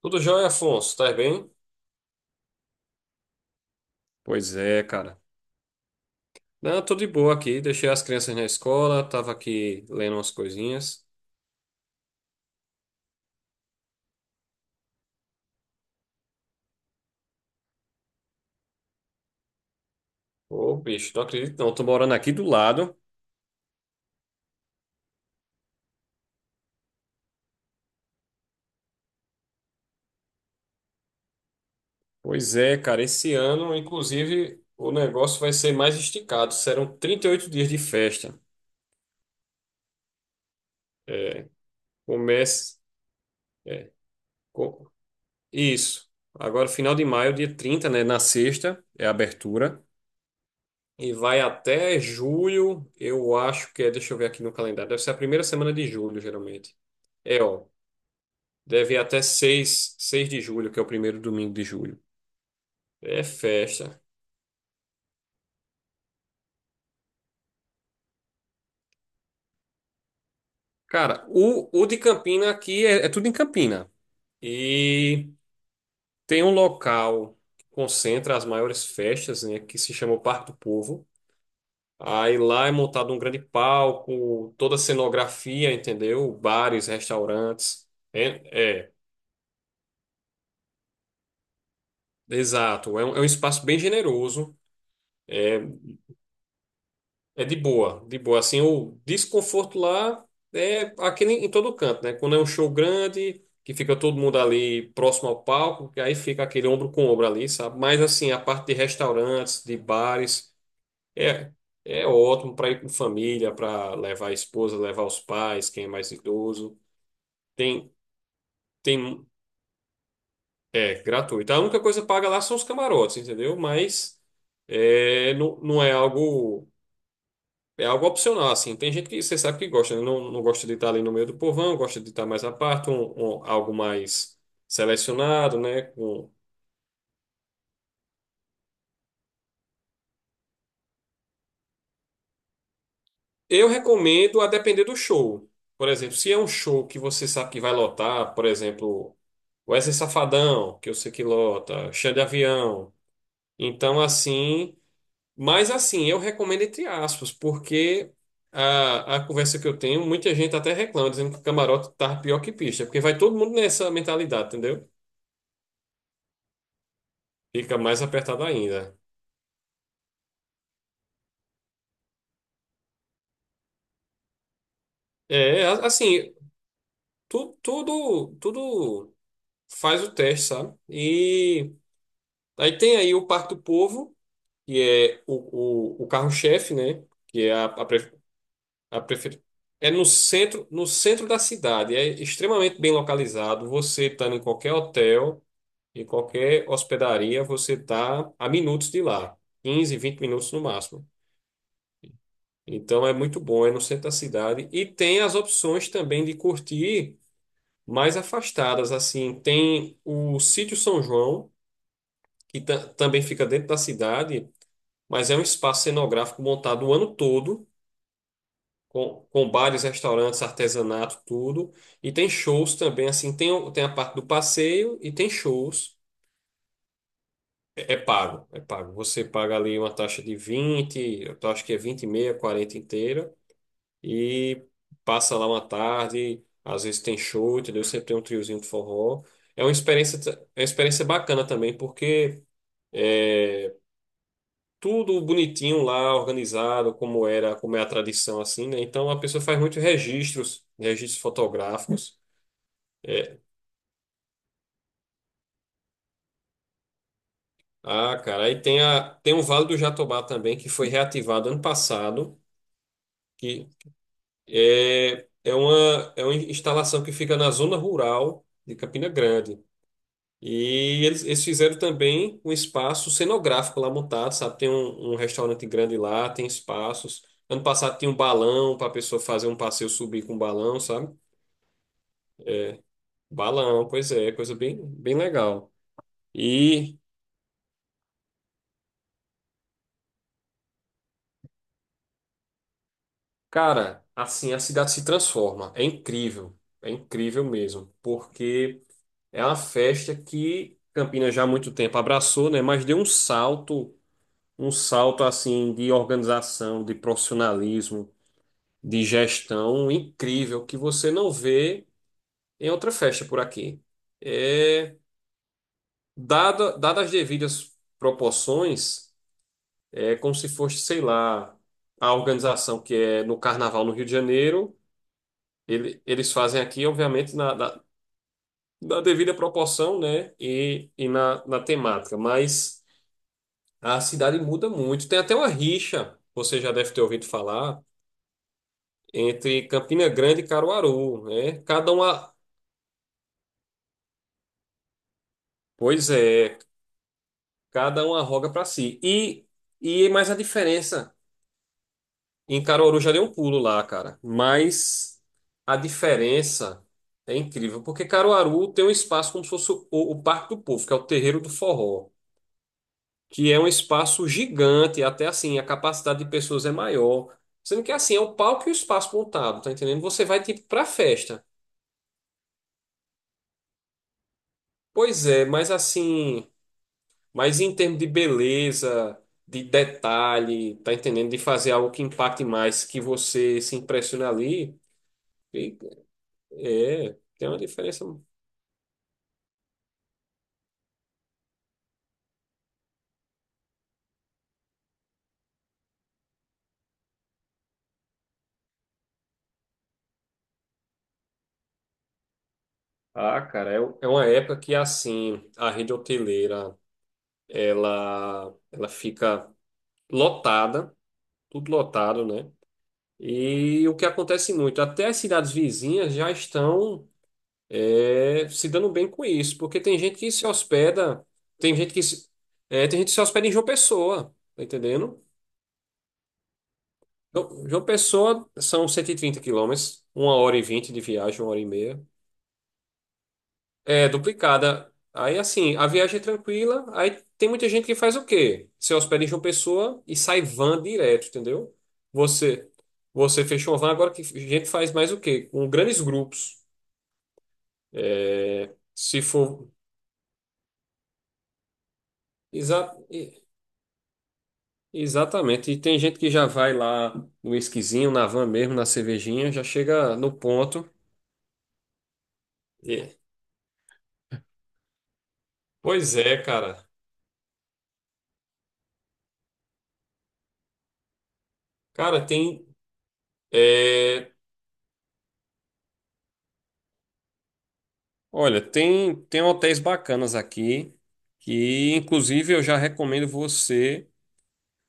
Tudo jóia, Afonso? Tá bem? Pois é, cara. Não, tô de boa aqui. Deixei as crianças na escola, tava aqui lendo umas coisinhas. Ô, bicho, não acredito! Não, tô morando aqui do lado. Pois é, cara. Esse ano, inclusive, o negócio vai ser mais esticado. Serão 38 dias de festa. Começa. É, co- Isso. Agora, final de maio, dia 30, né? Na sexta, é a abertura. E vai até julho, eu acho que é. Deixa eu ver aqui no calendário. Deve ser a primeira semana de julho, geralmente. É, ó. Deve ir até seis de julho, que é o primeiro domingo de julho. É festa. Cara, o de Campina aqui é tudo em Campina. E tem um local que concentra as maiores festas, né, que se chama o Parque do Povo. Aí lá é montado um grande palco, toda a cenografia, entendeu? Bares, restaurantes. Exato. É um espaço bem generoso. É É de boa, de boa. Assim, o desconforto lá é aqui em todo canto, né? Quando é um show grande, que fica todo mundo ali próximo ao palco, que aí fica aquele ombro com ombro ali, sabe? Mas assim, a parte de restaurantes, de bares, é, é ótimo para ir com família, para levar a esposa, levar os pais, quem é mais idoso. Tem, tem, é gratuito. A única coisa paga lá são os camarotes, entendeu? Mas não, não é algo. É algo opcional, assim. Tem gente que você sabe que gosta, né? Não, não gosta de estar ali no meio do povão, gosta de estar mais à parte, algo mais selecionado, né? Eu recomendo a depender do show. Por exemplo, se é um show que você sabe que vai lotar, por exemplo, Wesley Safadão, que eu sei que lota, Xande Avião. Então, assim. Mas, assim, eu recomendo entre aspas, porque a conversa que eu tenho, muita gente até reclama, dizendo que o camarote tá pior que pista, porque vai todo mundo nessa mentalidade, entendeu? Fica mais apertado ainda. Assim, tudo faz o teste, sabe? E aí tem aí o Parque do Povo, que é o carro-chefe, né? Que é a, pre- a prefe- É no centro, no centro da cidade, é extremamente bem localizado. Você estando em qualquer hotel, em qualquer hospedaria, você está a minutos de lá, 15, 20 minutos no máximo. Então é muito bom, é no centro da cidade. E tem as opções também de curtir mais afastadas, assim. Tem o Sítio São João, que também fica dentro da cidade, mas é um espaço cenográfico montado o ano todo, com bares, restaurantes, artesanato, tudo. E tem shows também, assim, tem a parte do passeio e tem shows. É, é pago, é pago. Você paga ali uma taxa de vinte, eu acho que é 20 e meia, 40 inteira. E passa lá uma tarde, às vezes tem show, entendeu? Sempre tem um triozinho de forró. É uma experiência, é uma experiência bacana também, porque é tudo bonitinho lá, organizado, como era, como é a tradição assim, né? Então a pessoa faz muitos registros, registros fotográficos. É. Ah, cara, aí tem o Vale do Jatobá também, que foi reativado ano passado, que é uma instalação que fica na zona rural de Campina Grande. E eles fizeram também um espaço cenográfico lá montado, sabe? Tem um restaurante grande lá, tem espaços. Ano passado tinha um balão para a pessoa fazer um passeio, subir com um balão, sabe? Balão, pois é, coisa bem, bem legal. E, cara, assim, a cidade se transforma. É incrível mesmo, porque é uma festa que Campinas já há muito tempo abraçou, né? Mas deu um salto assim de organização, de profissionalismo, de gestão incrível que você não vê em outra festa por aqui. É, dadas as devidas proporções, é como se fosse, sei lá, a organização que é no Carnaval no Rio de Janeiro, eles fazem aqui, obviamente, na devida proporção, né? E na temática, mas a cidade muda muito. Tem até uma rixa, você já deve ter ouvido falar, entre Campina Grande e Caruaru, né? Cada uma. Pois é, cada um arroga pra si. E mais a diferença. Em Caruaru já deu um pulo lá, cara. Mas a diferença é incrível. Porque Caruaru tem um espaço como se fosse o Parque do Povo, que é o Terreiro do Forró. Que é um espaço gigante. Até assim, a capacidade de pessoas é maior. Sendo que assim, é o palco e o espaço montado, tá entendendo? Você vai tipo pra festa. Pois é, mas assim. Mas em termos de beleza, de detalhe, tá entendendo? De fazer algo que impacte mais, que você se impressione ali, e- tem uma diferença. Ah, cara, é uma época que assim, a rede hoteleira, ela fica lotada, tudo lotado, né? E o que acontece muito, até as cidades vizinhas já estão, se dando bem com isso, porque tem gente que se hospeda, tem gente que se, tem gente que se hospeda em João Pessoa, tá entendendo? Então, João Pessoa são 130 quilômetros, 1h20 de viagem, 1h30. É, duplicada. Aí, assim, a viagem é tranquila, aí tem muita gente que faz o quê? Se hospeda em João Pessoa e sai van direto, entendeu? Você, você fechou uma van, agora que a gente faz mais o quê? Com grandes grupos. Se for... Exato. Exatamente. E tem gente que já vai lá no esquisinho, na van mesmo, na cervejinha, já chega no ponto. E- Pois é, cara. Cara, tem. é, Olha, tem hotéis bacanas aqui que, inclusive, eu já recomendo você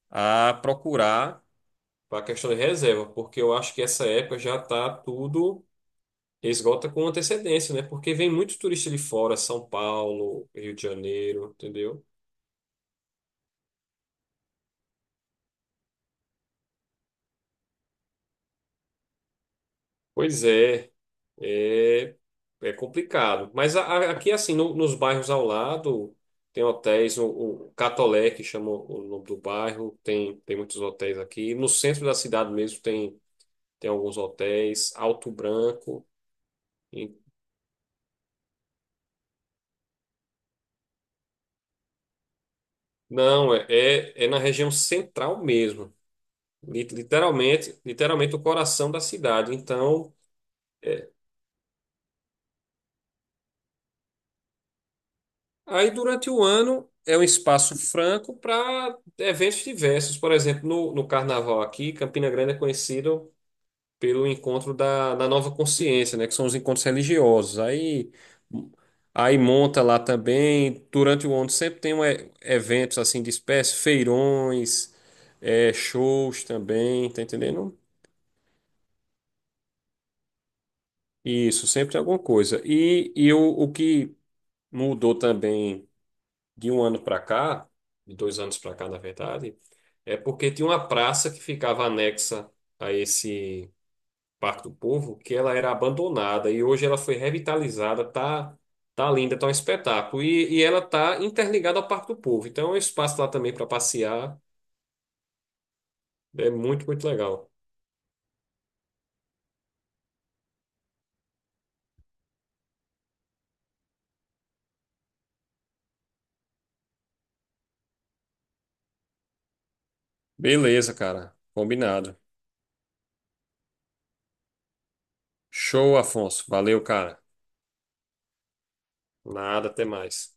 a procurar para a questão de reserva, porque eu acho que essa época já tá tudo, esgota com antecedência, né? Porque vem muito turista de fora, São Paulo, Rio de Janeiro, entendeu? Pois é, é, é complicado. Mas aqui, assim, nos bairros ao lado, tem hotéis, o Catolé, que chama o nome do bairro, tem tem muitos hotéis aqui. No centro da cidade mesmo tem alguns hotéis, Alto Branco. E- não, é na região central mesmo. Literalmente, literalmente o coração da cidade. Então. é, Aí, durante o ano, é um espaço franco para eventos diversos. Por exemplo, no carnaval aqui, Campina Grande é conhecido pelo encontro da Nova Consciência, né? Que são os encontros religiosos. Aí monta lá também, durante o ano, sempre tem eventos assim de espécie, feirões, shows também, tá entendendo? Isso, sempre tem alguma coisa. E o que mudou também de um ano para cá, de dois anos para cá, na verdade, é porque tinha uma praça que ficava anexa a esse Parque do Povo, que ela era abandonada e hoje ela foi revitalizada, tá linda, tá um espetáculo. E ela tá interligada ao Parque do Povo, então é um espaço lá também para passear, é muito, muito legal. Beleza, cara. Combinado. Show, Afonso. Valeu, cara. Nada, até mais.